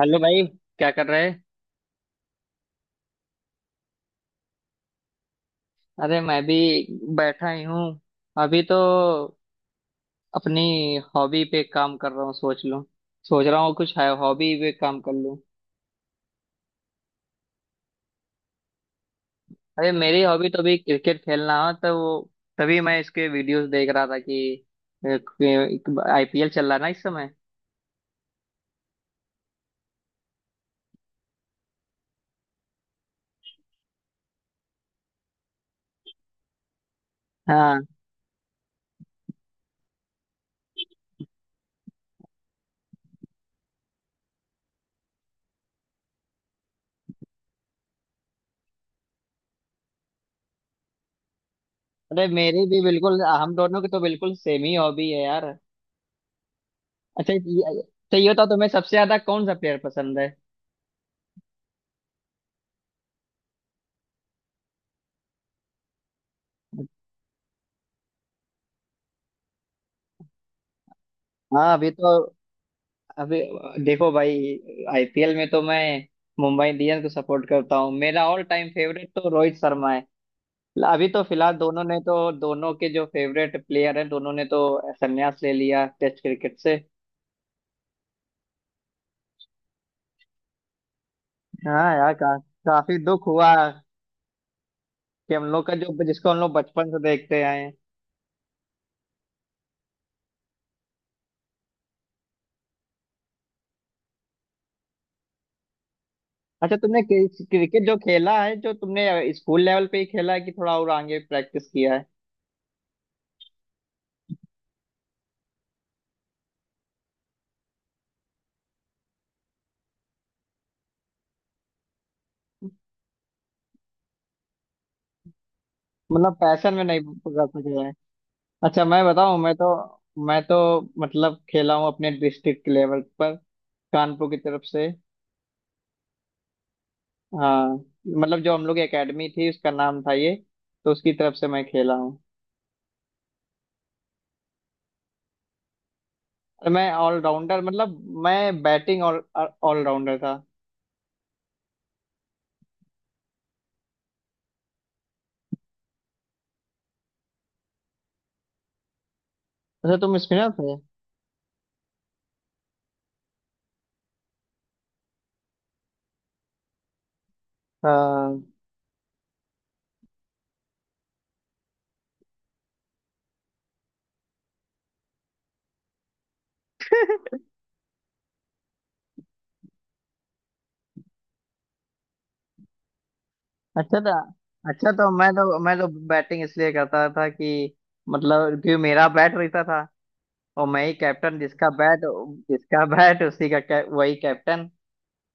Hello भाई, क्या कर रहे हैं। अरे मैं भी बैठा ही हूँ। अभी तो अपनी हॉबी पे काम कर रहा हूँ। सोच रहा हूँ कुछ है हॉबी पे काम कर लूँ। अरे मेरी हॉबी तो भी क्रिकेट खेलना है, तो वो तभी मैं इसके वीडियोस देख रहा था कि आईपीएल चल रहा है ना इस समय। हाँ। अरे मेरी भी बिल्कुल, हम दोनों की तो बिल्कुल सेम ही हॉबी है यार। अच्छा ये बताओ, तुम्हें सबसे ज्यादा कौन सा प्लेयर पसंद है। हाँ, अभी तो। अभी देखो भाई, आईपीएल में तो मैं मुंबई इंडियंस को सपोर्ट करता हूँ। मेरा ऑल टाइम फेवरेट तो रोहित शर्मा है। अभी तो फिलहाल दोनों ने तो, दोनों के जो फेवरेट प्लेयर हैं, दोनों ने तो संन्यास ले लिया टेस्ट क्रिकेट से। हाँ यार, काफी दुख हुआ कि हम लोग का जो जिसको हम लोग बचपन से देखते आए हैं। अच्छा तुमने क्रिकेट जो खेला है, जो तुमने स्कूल लेवल पे ही खेला है कि थोड़ा और आगे प्रैक्टिस किया है। मतलब पैशन में नहीं पकड़ सके। अच्छा मैं बताऊं, मैं तो मतलब खेला हूँ अपने डिस्ट्रिक्ट लेवल पर, कानपुर की तरफ से। हाँ। मतलब जो हम लोग की एकेडमी थी उसका नाम था ये, तो उसकी तरफ से मैं खेला हूँ। और मैं ऑलराउंडर, मतलब मैं बैटिंग ऑल ऑलराउंडर था। अच्छा तुम स्पिनर थे। हाँ अच्छा था। अच्छा तो मैं तो बैटिंग इसलिए करता था कि मतलब, क्योंकि मेरा बैट रहता था, और मैं ही कैप्टन। जिसका बैट, उसी का वही कैप्टन।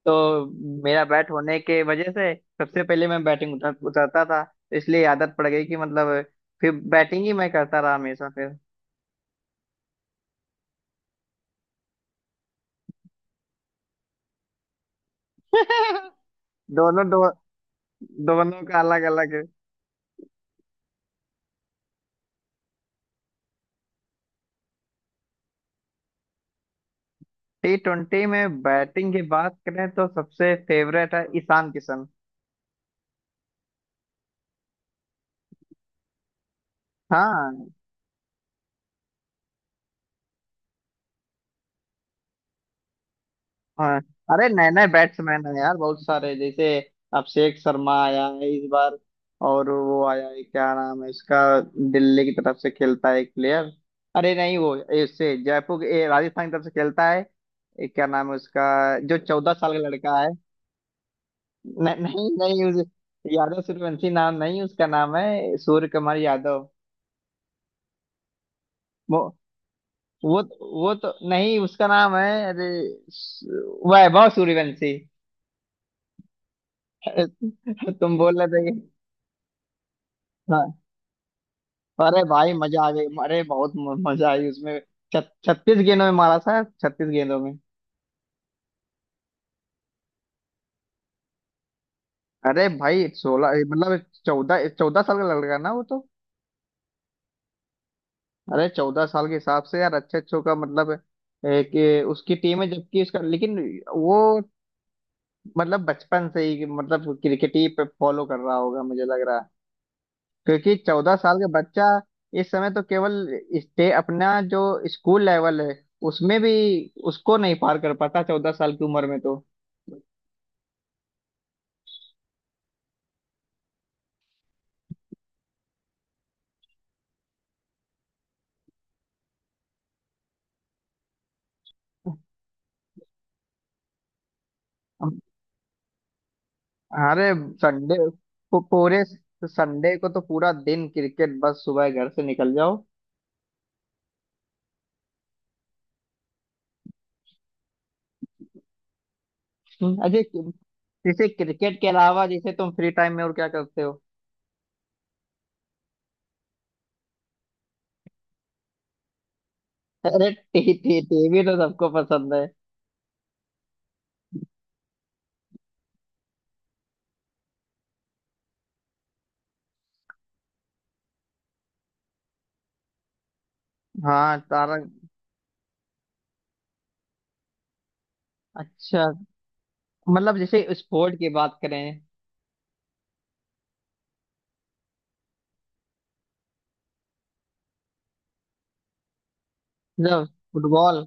तो मेरा बैट होने के वजह से सबसे पहले मैं बैटिंग उतरता था, तो इसलिए आदत पड़ गई कि मतलब फिर बैटिंग ही मैं करता रहा हमेशा फिर। दोनों, दो दोनों का अलग अलग। T20 में बैटिंग की बात करें तो सबसे फेवरेट है ईशान किशन। हाँ हाँ। अरे नए नए बैट्समैन है यार बहुत सारे, जैसे अभिषेक शर्मा आया है इस बार। और वो आया है, क्या नाम है इसका, दिल्ली की तरफ से खेलता है एक प्लेयर। अरे नहीं वो, इससे जयपुर, राजस्थान की तरफ से खेलता है। क्या नाम है उसका, जो 14 साल का लड़का है। न, नहीं नहीं उस। यादव सूर्यवंशी नाम नहीं, उसका नाम है सूर्य कुमार यादव। वो वो, तो नहीं उसका नाम है, अरे वैभव सूर्यवंशी। तुम बोल रहे थे हाँ। अरे भाई मजा आ गई, अरे बहुत मजा आई उसमें। 36 गेंदों में मारा था, 36 गेंदों में। अरे भाई 16 मतलब चौदह, चौदह साल का लड़का ना वो तो। अरे 14 साल के हिसाब से यार, अच्छे अच्छों का मतलब, कि उसकी टीम है जबकि उसका, लेकिन वो मतलब बचपन से ही मतलब क्रिकेट ही पे फॉलो कर रहा होगा, मुझे लग रहा है। क्योंकि 14 साल का बच्चा इस समय तो केवल स्टे अपना जो स्कूल लेवल है उसमें भी उसको नहीं पार कर पाता 14 साल की उम्र में। तो अरे संडे को पूरे, संडे को तो पूरा दिन क्रिकेट, बस सुबह घर से निकल जाओ। अजय जैसे क्रिकेट के अलावा, जैसे तुम फ्री टाइम में और क्या करते हो। अरे टी टी टीवी तो सबको पसंद है। हाँ तारा। अच्छा मतलब जैसे स्पोर्ट की बात करें। जब फुटबॉल,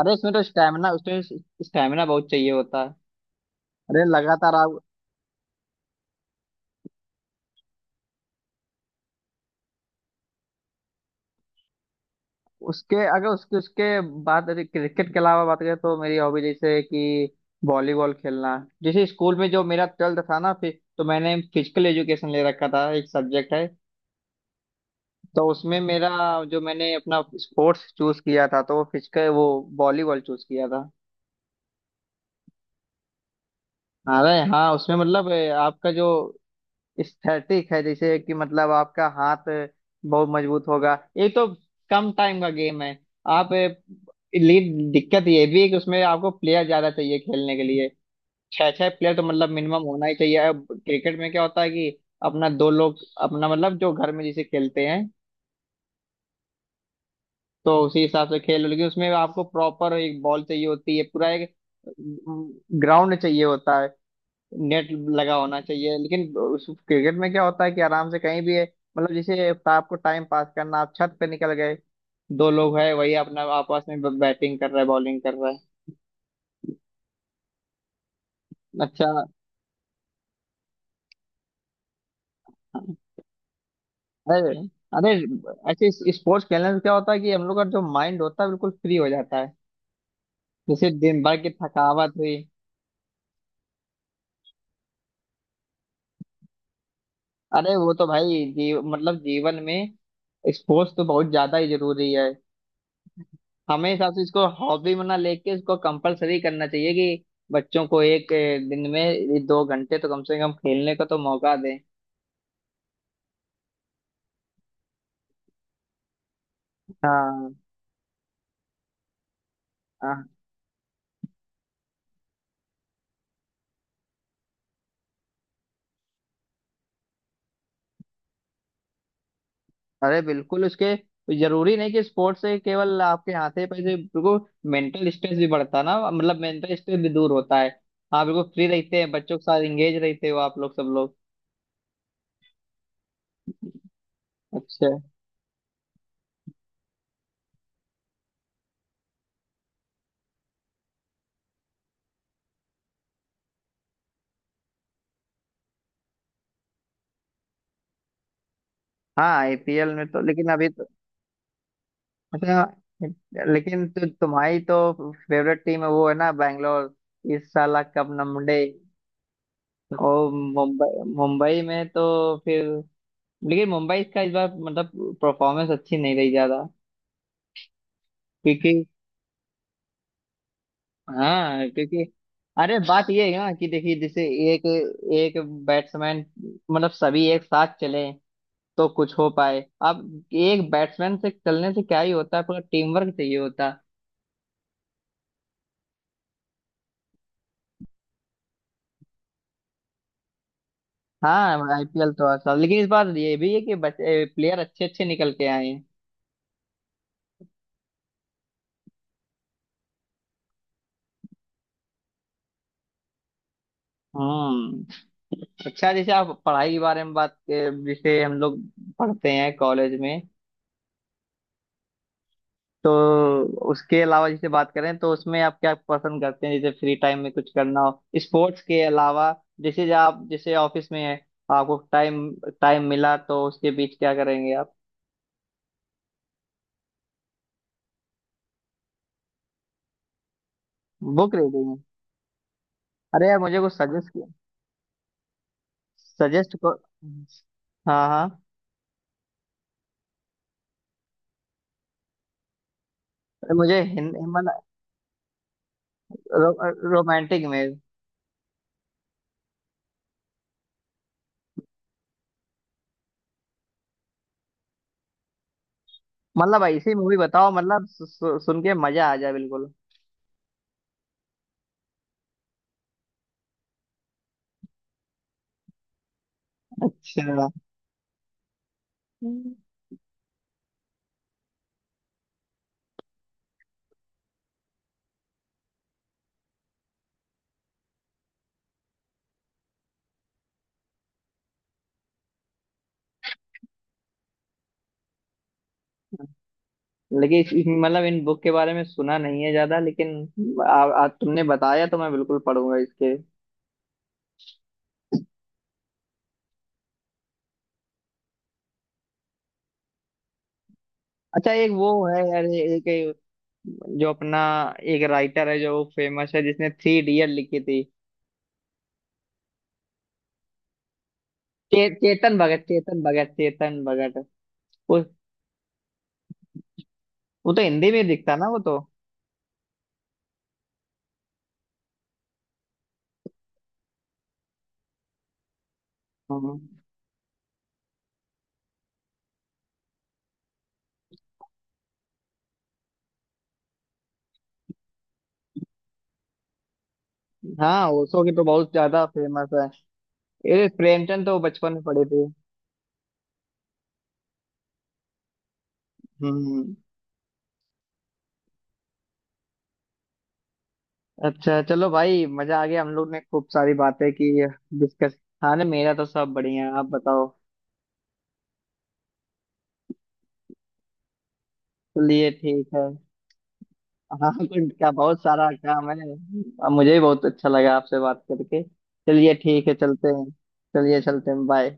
अरे इसमें तो स्टैमिना, उसमें स्टैमिना बहुत चाहिए होता है। अरे लगातार आप। उसके अगर, उसके उसके बाद क्रिकेट के अलावा बात करें तो मेरी हॉबी जैसे है कि वॉलीबॉल खेलना। जैसे स्कूल में जो मेरा 12th था ना, फिर तो मैंने फिजिकल एजुकेशन ले रखा था, एक सब्जेक्ट है। तो उसमें मेरा, जो मैंने अपना स्पोर्ट्स चूज किया था, तो वो वॉलीबॉल चूज किया था। अरे हाँ, उसमें मतलब, आपका जो स्थैतिक है, जैसे कि मतलब आपका हाथ बहुत मजबूत होगा। ये तो कम टाइम का गेम है। आप, लीड दिक्कत ये भी है कि उसमें आपको प्लेयर ज्यादा चाहिए खेलने के लिए। छह छह प्लेयर तो मतलब मिनिमम होना ही चाहिए। अब क्रिकेट में क्या होता है कि अपना दो लोग अपना मतलब जो घर में जैसे खेलते हैं तो उसी हिसाब से खेल। लेकिन उसमें आपको प्रॉपर एक बॉल चाहिए होती है, पूरा एक ग्राउंड चाहिए होता है, नेट लगा होना चाहिए। लेकिन उस क्रिकेट में क्या होता है कि आराम से कहीं भी है, मतलब जैसे आपको टाइम पास करना, आप छत पे निकल गए, दो लोग है, वही अपना आपस में बैटिंग कर रहा है, बॉलिंग कर रहा है। अच्छा। अरे अरे, ऐसे स्पोर्ट्स खेलने से क्या होता है कि हम लोग का जो माइंड होता है बिल्कुल फ्री हो जाता है। जैसे दिन भर की थकावट हुई। अरे वो तो भाई, जी, मतलब जीवन में स्पोर्ट्स तो बहुत ज्यादा ही जरूरी है। हमें हिसाब से इसको हॉबी में ना लेके इसको कंपलसरी करना चाहिए कि बच्चों को एक, दिन में ये 2 घंटे तो कम से कम खेलने का तो मौका दें। हाँ हाँ। अरे बिल्कुल, उसके जरूरी नहीं कि स्पोर्ट्स से केवल आपके हाथ से पैसे, बिल्कुल मेंटल स्ट्रेस भी बढ़ता ना, मतलब मेंटल स्ट्रेस भी दूर होता है। आप बिल्कुल फ्री रहते हैं, बच्चों के साथ एंगेज रहते हो, आप लोग, सब लोग। अच्छा। हाँ आईपीएल में तो, लेकिन अभी तो। अच्छा लेकिन तो तुम्हारी तो फेवरेट टीम है वो, है ना, बैंगलोर। इस साल कब नंबड़े। और मुंबई मुंबई में तो फिर, लेकिन मुंबई का इस बार मतलब परफॉर्मेंस अच्छी नहीं रही ज्यादा। क्योंकि, हाँ, क्योंकि अरे बात ये है ना, कि देखिए जैसे एक, एक बैट्समैन, मतलब सभी एक साथ चले तो कुछ हो पाए। अब एक बैट्समैन से चलने से क्या ही होता है, पूरा टीम वर्क चाहिए होता है। हाँ आईपीएल तो हर साल, लेकिन इस बार ये भी है कि बच्चे प्लेयर अच्छे अच्छे निकल के आए हैं। हम्म। अच्छा जैसे आप पढ़ाई के बारे में बात, जैसे हम लोग पढ़ते हैं कॉलेज में, तो उसके अलावा जैसे बात करें तो उसमें आप क्या पसंद करते हैं, जैसे फ्री टाइम में कुछ करना हो स्पोर्ट्स के अलावा। जैसे जो आप जैसे ऑफिस में है, आपको टाइम टाइम मिला तो उसके बीच क्या करेंगे आप। बुक रीडिंग, अरे यार मुझे कुछ सजेस्ट। सजेस्ट को। हाँ हाँ। मुझे हिंदुस्तान, रो, रोमांटिक इमेज। मतलब ऐसी मूवी बताओ, मतलब सु, सु, सुन के मजा आ जाए बिल्कुल। अच्छा। हम्म। लेकिन मतलब इन बुक के बारे में सुना नहीं है ज्यादा, लेकिन आ, आ, तुमने बताया तो मैं बिल्कुल पढ़ूंगा इसके। अच्छा एक वो है यार, एक एक जो अपना एक राइटर है जो फेमस है, जिसने थ्री इडियट लिखी थी। चेतन भगत, चेतन भगत, चेतन भगत। वो वो तो हिंदी में दिखता ना वो तो। हाँ हाँ उसो की तो बहुत ज्यादा फेमस है। ये प्रेमचंद तो बचपन में पढ़े थे। हम्म। अच्छा चलो भाई मजा आ गया, हम लोग ने खूब सारी बातें की डिस्कस। हाँ ना, मेरा तो सब बढ़िया है, आप बताओ। चलिए ठीक है। हाँ कुछ क्या, बहुत सारा काम है, अब मुझे भी बहुत अच्छा लगा आपसे बात करके। चलिए ठीक है, चलते हैं। चलिए चलते हैं, बाय।